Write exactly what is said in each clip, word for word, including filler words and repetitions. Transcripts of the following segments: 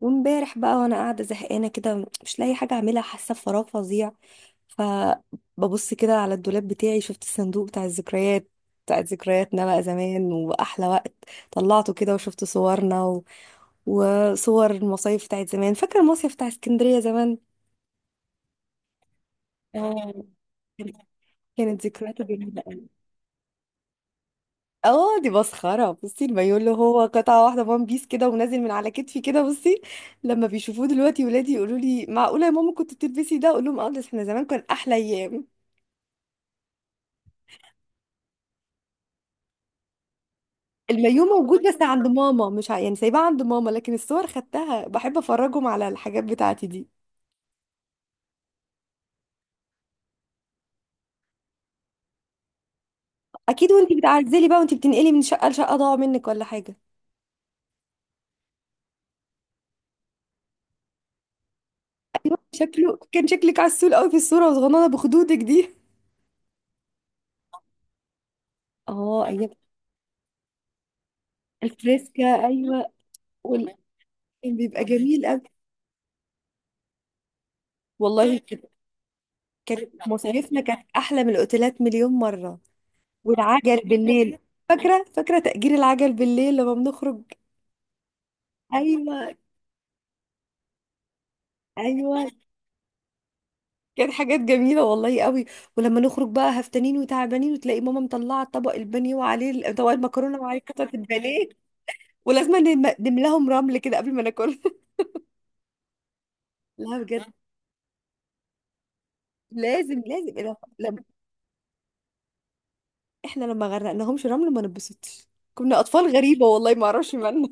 وامبارح بقى وانا قاعده زهقانه كده، مش لاقي حاجه اعملها، حاسه بفراغ فظيع. فببص كده على الدولاب بتاعي، شفت الصندوق بتاع الذكريات، بتاعت ذكرياتنا بقى زمان واحلى وقت. طلعته كده وشفت صورنا و... وصور المصايف بتاعت زمان. فاكر المصيف بتاع اسكندريه زمان؟ اه، كانت ذكرياته جميله. اه دي مسخرة، بصي المايو اللي هو قطعة واحدة وان بيس كده ونازل من على كتفي كده، بصي. لما بيشوفوه دلوقتي ولادي يقولوا لي معقولة يا ماما كنت بتلبسي ده، اقول لهم اه بس احنا زمان كان احلى ايام. المايو موجود بس عند ماما، مش ع... يعني سايباه عند ماما، لكن الصور خدتها، بحب افرجهم على الحاجات بتاعتي دي. اكيد، وانتي بتعزلي بقى وانتي بتنقلي من شقة لشقة ضاعوا منك ولا حاجة؟ ايوه، شكله كان شكلك عسول قوي في الصورة وصغننة بخدودك دي. اه ايام الفريسكا، ايوه. وال... بيبقى جميل قوي، والله. كانت مصايفنا كانت احلى من الاوتيلات مليون مره. والعجل بالليل، فاكره فاكره تأجير العجل بالليل لما بنخرج. ايوه ايوه، كانت حاجات جميله والله قوي. ولما نخرج بقى هفتانين وتعبانين وتلاقي ماما مطلعه طبق البانيه وعليه طبق المكرونه وعليه قطعه البانيه. ولازم نم- نملاهم رمل كده قبل ما ناكل. لا بجد، لازم لازم لما احنا لما غرقناهمش رمل ما نبسطش. كنا اطفال غريبه والله، ما اعرفش مالنا.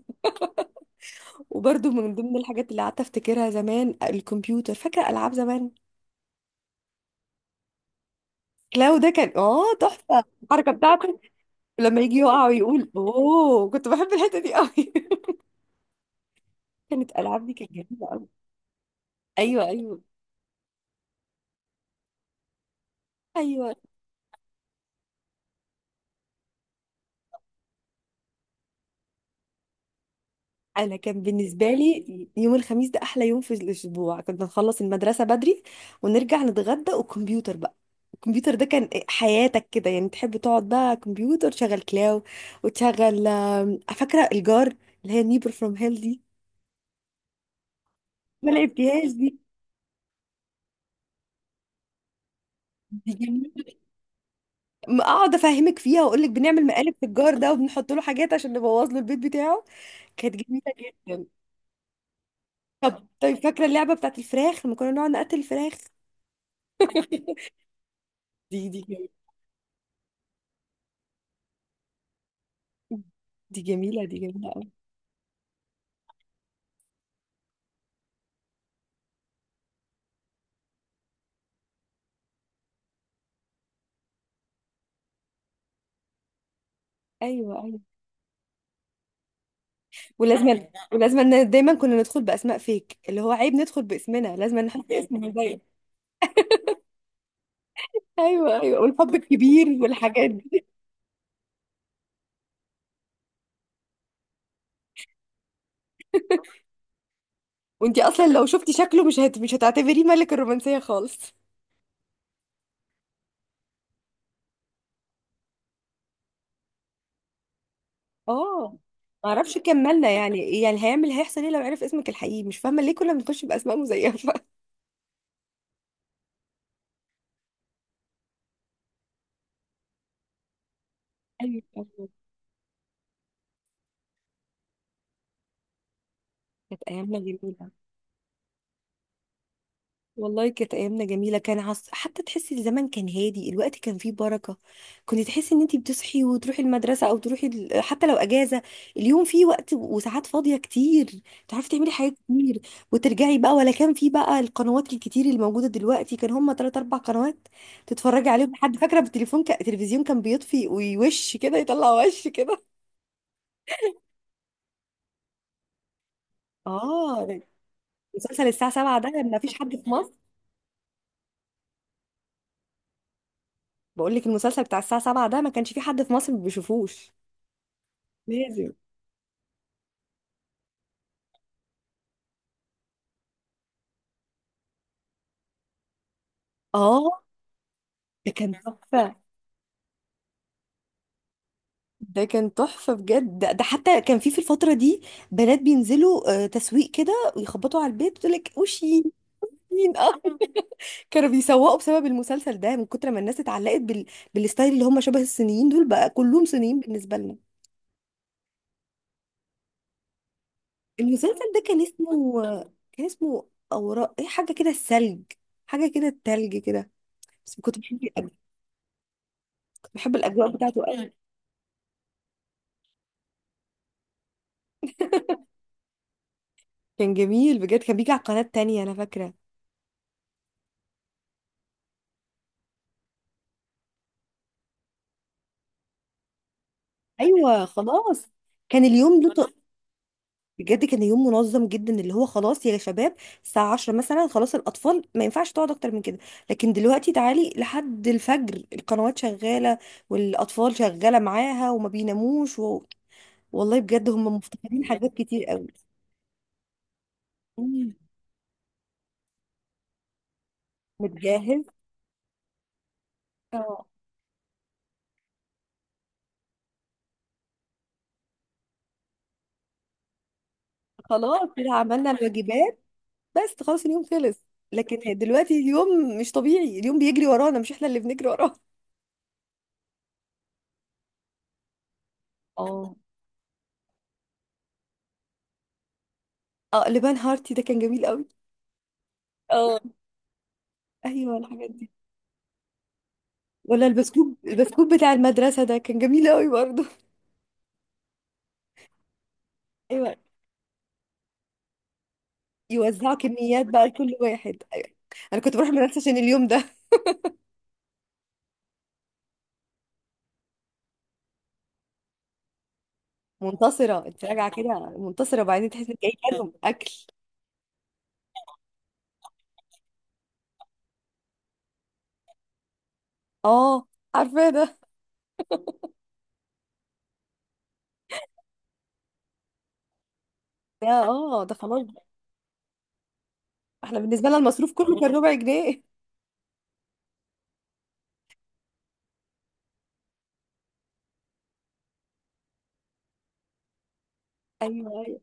وبرضو من ضمن الحاجات اللي قعدت افتكرها زمان الكمبيوتر، فاكره العاب زمان؟ كلاو ده كان اه تحفه، الحركه بتاعته لما يجي يقع ويقول اوه، كنت بحب الحته دي قوي. كانت العاب دي كانت جميله قوي. ايوه ايوه ايوه. انا كان بالنسبه لي يوم الخميس ده احلى يوم في الاسبوع، كنا نخلص المدرسه بدري ونرجع نتغدى وكمبيوتر بقى. الكمبيوتر ده كان حياتك كده يعني، تحب تقعد بقى كمبيوتر تشغل كلاو وتشغل آم، فاكره الجار اللي هي نيبر فروم هيل دي؟ ما لعبتيهاش دي؟ دي جميلة. م- اقعد افهمك فيها واقول لك بنعمل مقالب في الجار ده وبنحط له حاجات عشان نبوظ له البيت بتاعه. كانت جميله جدا. طب طيب فاكره اللعبه بتاعت الفراخ لما كنا نقعد نقتل الفراخ؟ دي دي جميلة. دي جميله دي جميله قوي. ايوه ايوه. ولازم ولازم إن دايما كنا ندخل باسماء فيك، اللي هو عيب ندخل باسمنا، لازم نحط اسمنا دايما. ايوه ايوه، والحب الكبير والحاجات دي. وانتي اصلا لو شفتي شكله مش هت... مش هتعتبريه ملك الرومانسيه خالص. اه، ما اعرفش، كملنا يعني، يعني هيعمل هيحصل ايه لو عرف اسمك الحقيقي؟ مش فاهمه ليه كنا بنخش باسماء مزيفه. ايوه أيوة. كانت ايامنا جميله. والله كانت ايامنا جميله، كان عص... حتى تحسي الزمن كان هادي، الوقت كان فيه بركه. كنت تحسي ان انتي بتصحي وتروحي المدرسه او تروحي ال... حتى لو اجازه، اليوم فيه وقت وساعات فاضيه كتير، تعرفي تعملي حاجات كتير وترجعي بقى. ولا كان فيه بقى القنوات الكتير اللي موجوده دلوقتي، كان هما تلات اربع قنوات تتفرجي عليهم لحد، فاكره بالتليفون ك... التلفزيون كان بيطفي ويوش كده، يطلع وش كده. اه، مسلسل الساعه السابعة ده ما فيش حد في مصر. بقول لك المسلسل بتاع الساعه سبعة ده ما كانش فيه حد في مصر ما بيشوفوش. لازم. اه، ده كان تحفة، ده كان تحفة بجد ده, ده حتى كان في في الفترة دي بنات بينزلوا آه، تسويق كده ويخبطوا على البيت وتقول لك وشي؟ مين؟ اه، كانوا بيسوقوا بسبب المسلسل ده، من كتر ما الناس اتعلقت بال... بالستايل اللي هم شبه الصينيين دول، بقى كلهم صينيين بالنسبة لنا. المسلسل ده كان اسمه، كان اسمه اوراق ايه حاجة كده الثلج، حاجة كده التلج كده. بس كنت بحب الأج- كنت بحب الأجواء بتاعته قوي. كان جميل بجد، كان بيجي على قناة تانية أنا فاكرة. أيوة خلاص. كان اليوم له. بجد كان يوم منظم جدا، اللي هو خلاص يا شباب الساعة عشرة مثلا خلاص الأطفال ما ينفعش تقعد أكتر من كده. لكن دلوقتي تعالي لحد الفجر القنوات شغالة والأطفال شغالة معاها وما بيناموش و... والله بجد هم مفتقدين حاجات كتير قوي. مم. متجهز. اه خلاص كده عملنا الواجبات، بس خلاص اليوم خلص. لكن دلوقتي اليوم مش طبيعي، اليوم بيجري ورانا مش احنا اللي بنجري وراه. اه. اه لبان هارتي ده كان جميل قوي. اه ايوه الحاجات دي. ولا البسكوت، البسكوت بتاع المدرسة ده كان جميل قوي برضه. ايوه، يوزعوا كميات بقى لكل واحد، ايوه. انا كنت بروح المدرسة عشان اليوم ده. منتصرة، انت راجعة كده منتصرة وبعدين تحس انك اي كلام اكل. اه، عارفة ده. ده اه ده خلاص بقى. احنا بالنسبة لنا المصروف كله كان ربع جنيه. ايوه ايوه.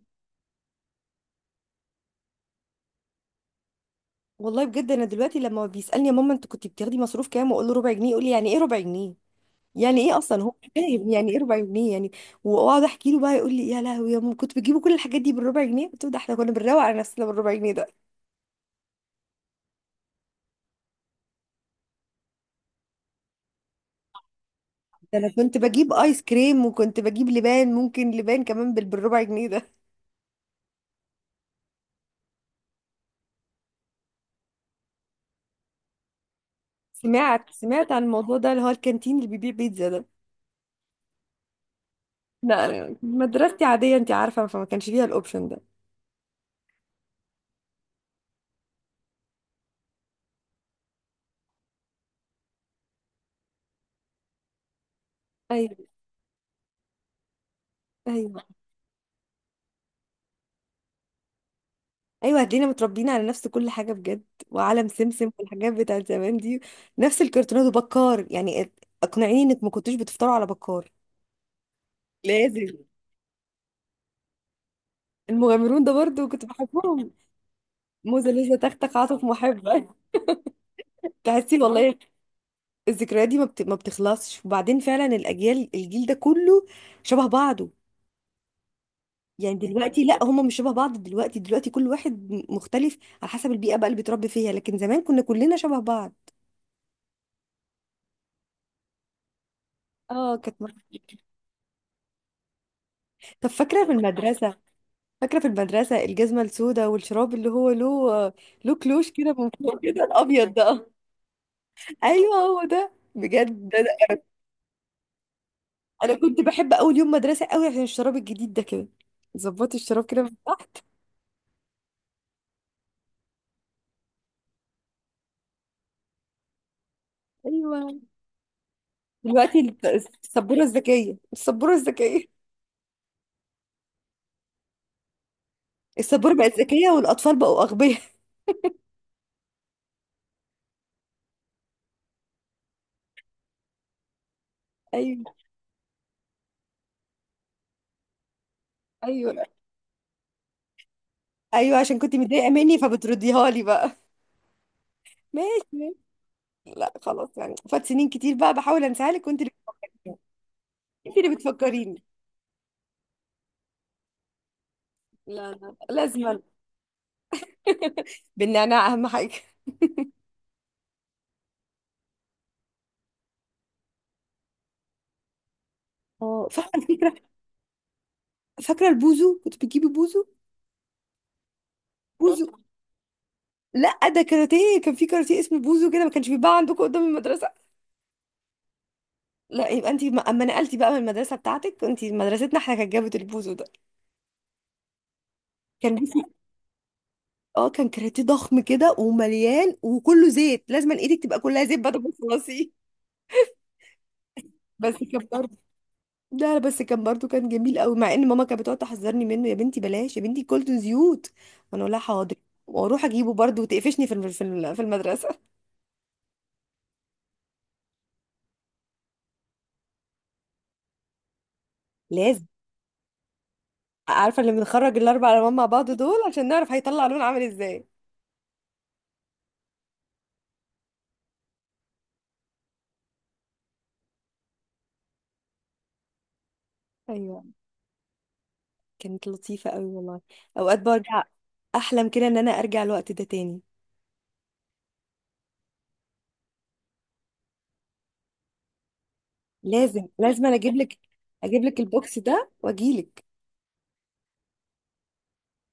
والله بجد انا دلوقتي لما بيسألني يا ماما انت كنت بتاخدي مصروف كام، واقول له ربع جنيه، يقول لي يعني ايه ربع جنيه، يعني ايه اصلا هو فاهم يعني ايه ربع جنيه يعني. واقعد احكي له بقى، يقول لي يا لهوي يا ماما كنت بجيبوا كل الحاجات دي بالربع جنيه، قلت له ده احنا كنا بنروق على نفسنا بالربع جنيه ده. ده انا كنت بجيب ايس كريم وكنت بجيب لبان، ممكن لبان كمان بال- بالربع جنيه ده. سمعت سمعت عن الموضوع ده اللي هو الكانتين اللي بيبيع بيتزا ده. لا أنا مدرستي عاديه انت عارفه، فما كانش فيها الاوبشن ده. ايوه ايوه. ايوه، هتلاقينا متربيين على نفس كل حاجه بجد، وعالم سمسم والحاجات بتاعت زمان دي، نفس الكرتونات وبكار يعني. اقنعيني انك ما كنتوش بتفطروا على بكار. لازم. المغامرون ده برضو كنت بحبهم. موزة لسه، تختخ، عاطف، محبة. تحسي والله الذكريات دي ما, بت... ما بتخلصش. وبعدين فعلا الأجيال، الجيل ده كله شبه بعضه. يعني دلوقتي لا، هم مش شبه بعض دلوقتي، دلوقتي كل واحد م- مختلف على حسب البيئة بقى اللي بيتربي فيها، لكن زمان كنا كلنا شبه بعض. اه كانت مر- طب فاكرة في المدرسة، فاكرة في المدرسة الجزمة السوداء والشراب اللي هو له، له كلوش كده من فوق كده، الأبيض ده؟ ايوه هو ده بجد ده. انا كنت بحب اول يوم مدرسه قوي عشان الشراب الجديد ده كده، ظبطي الشراب كده من تحت. ايوه. دلوقتي الت- السبوره الذكيه، السبوره الذكيه. السبوره بقت ذكيه والاطفال بقوا اغبياء. ايوه ايوه. ايوه عشان كنت متضايقه مني فبترديها لي بقى. ماشي. ماشي. لا خلاص يعني، فات سنين كتير بقى، بحاول انساها لك وانت اللي بتفكريني. انت اللي بتفكريني. لا لا، لازما. بالنعناع اهم حاجه. اه فاكره الفكره. فاكره البوزو، كنت بتجيبي بوزو؟ بوزو. لا ده كاراتيه، كان في كاراتيه اسمه بوزو كده، ما كانش بيتباع عندكم قدام المدرسه؟ لا يبقى انت ما- اما نقلتي بقى من المدرسه بتاعتك، انت مدرستنا احنا كانت جابت البوزو ده. كان بيسي. اه كان كاراتيه ضخم كده ومليان وكله زيت، لازم ايدك تبقى كلها زيت بعد ما تخلصيه. بس كان برضه، ده بس كان برضه كان جميل قوي، مع ان ماما كانت بتقعد تحذرني منه، يا بنتي بلاش يا بنتي كولتون زيوت، وانا اقول لها حاضر واروح اجيبه برضه، وتقفشني في الم- في الم- في المدرسه. لازم. عارفه اللي بنخرج الاربع الوان مع بعض دول عشان نعرف هيطلع لون عامل ازاي. ايوه. كانت لطيفة قوي والله. اوقات برجع احلم كده ان انا ارجع الوقت ده تاني. لازم لازم، انا اجيب لك، اجيب لك البوكس ده واجيلك.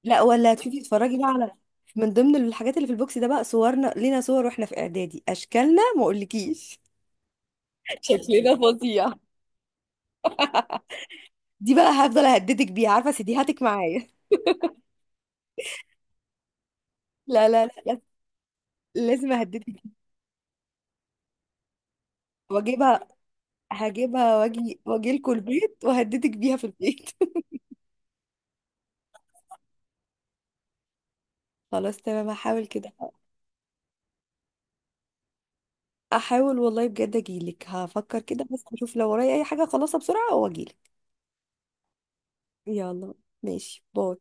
لا ولا تشوفي، تتفرجي بقى على، من ضمن الحاجات اللي في البوكس ده بقى صورنا لينا صور واحنا في اعدادي، اشكالنا ما اقولكيش. شكلنا فظيع. دي بقى هفضل اهددك بيها، عارفه سيديهاتك معايا. لا لا لا لا، لازم اهددك بيها. واجيبها، هجيبها واجي واجي لكم البيت وهددك بيها في البيت. خلاص تمام، هحاول كده. احاول والله بجد اجيلك، هفكر كده بس اشوف لو ورايا اي حاجة اخلصها بسرعة واجيلك. يلا. ماشي، باي.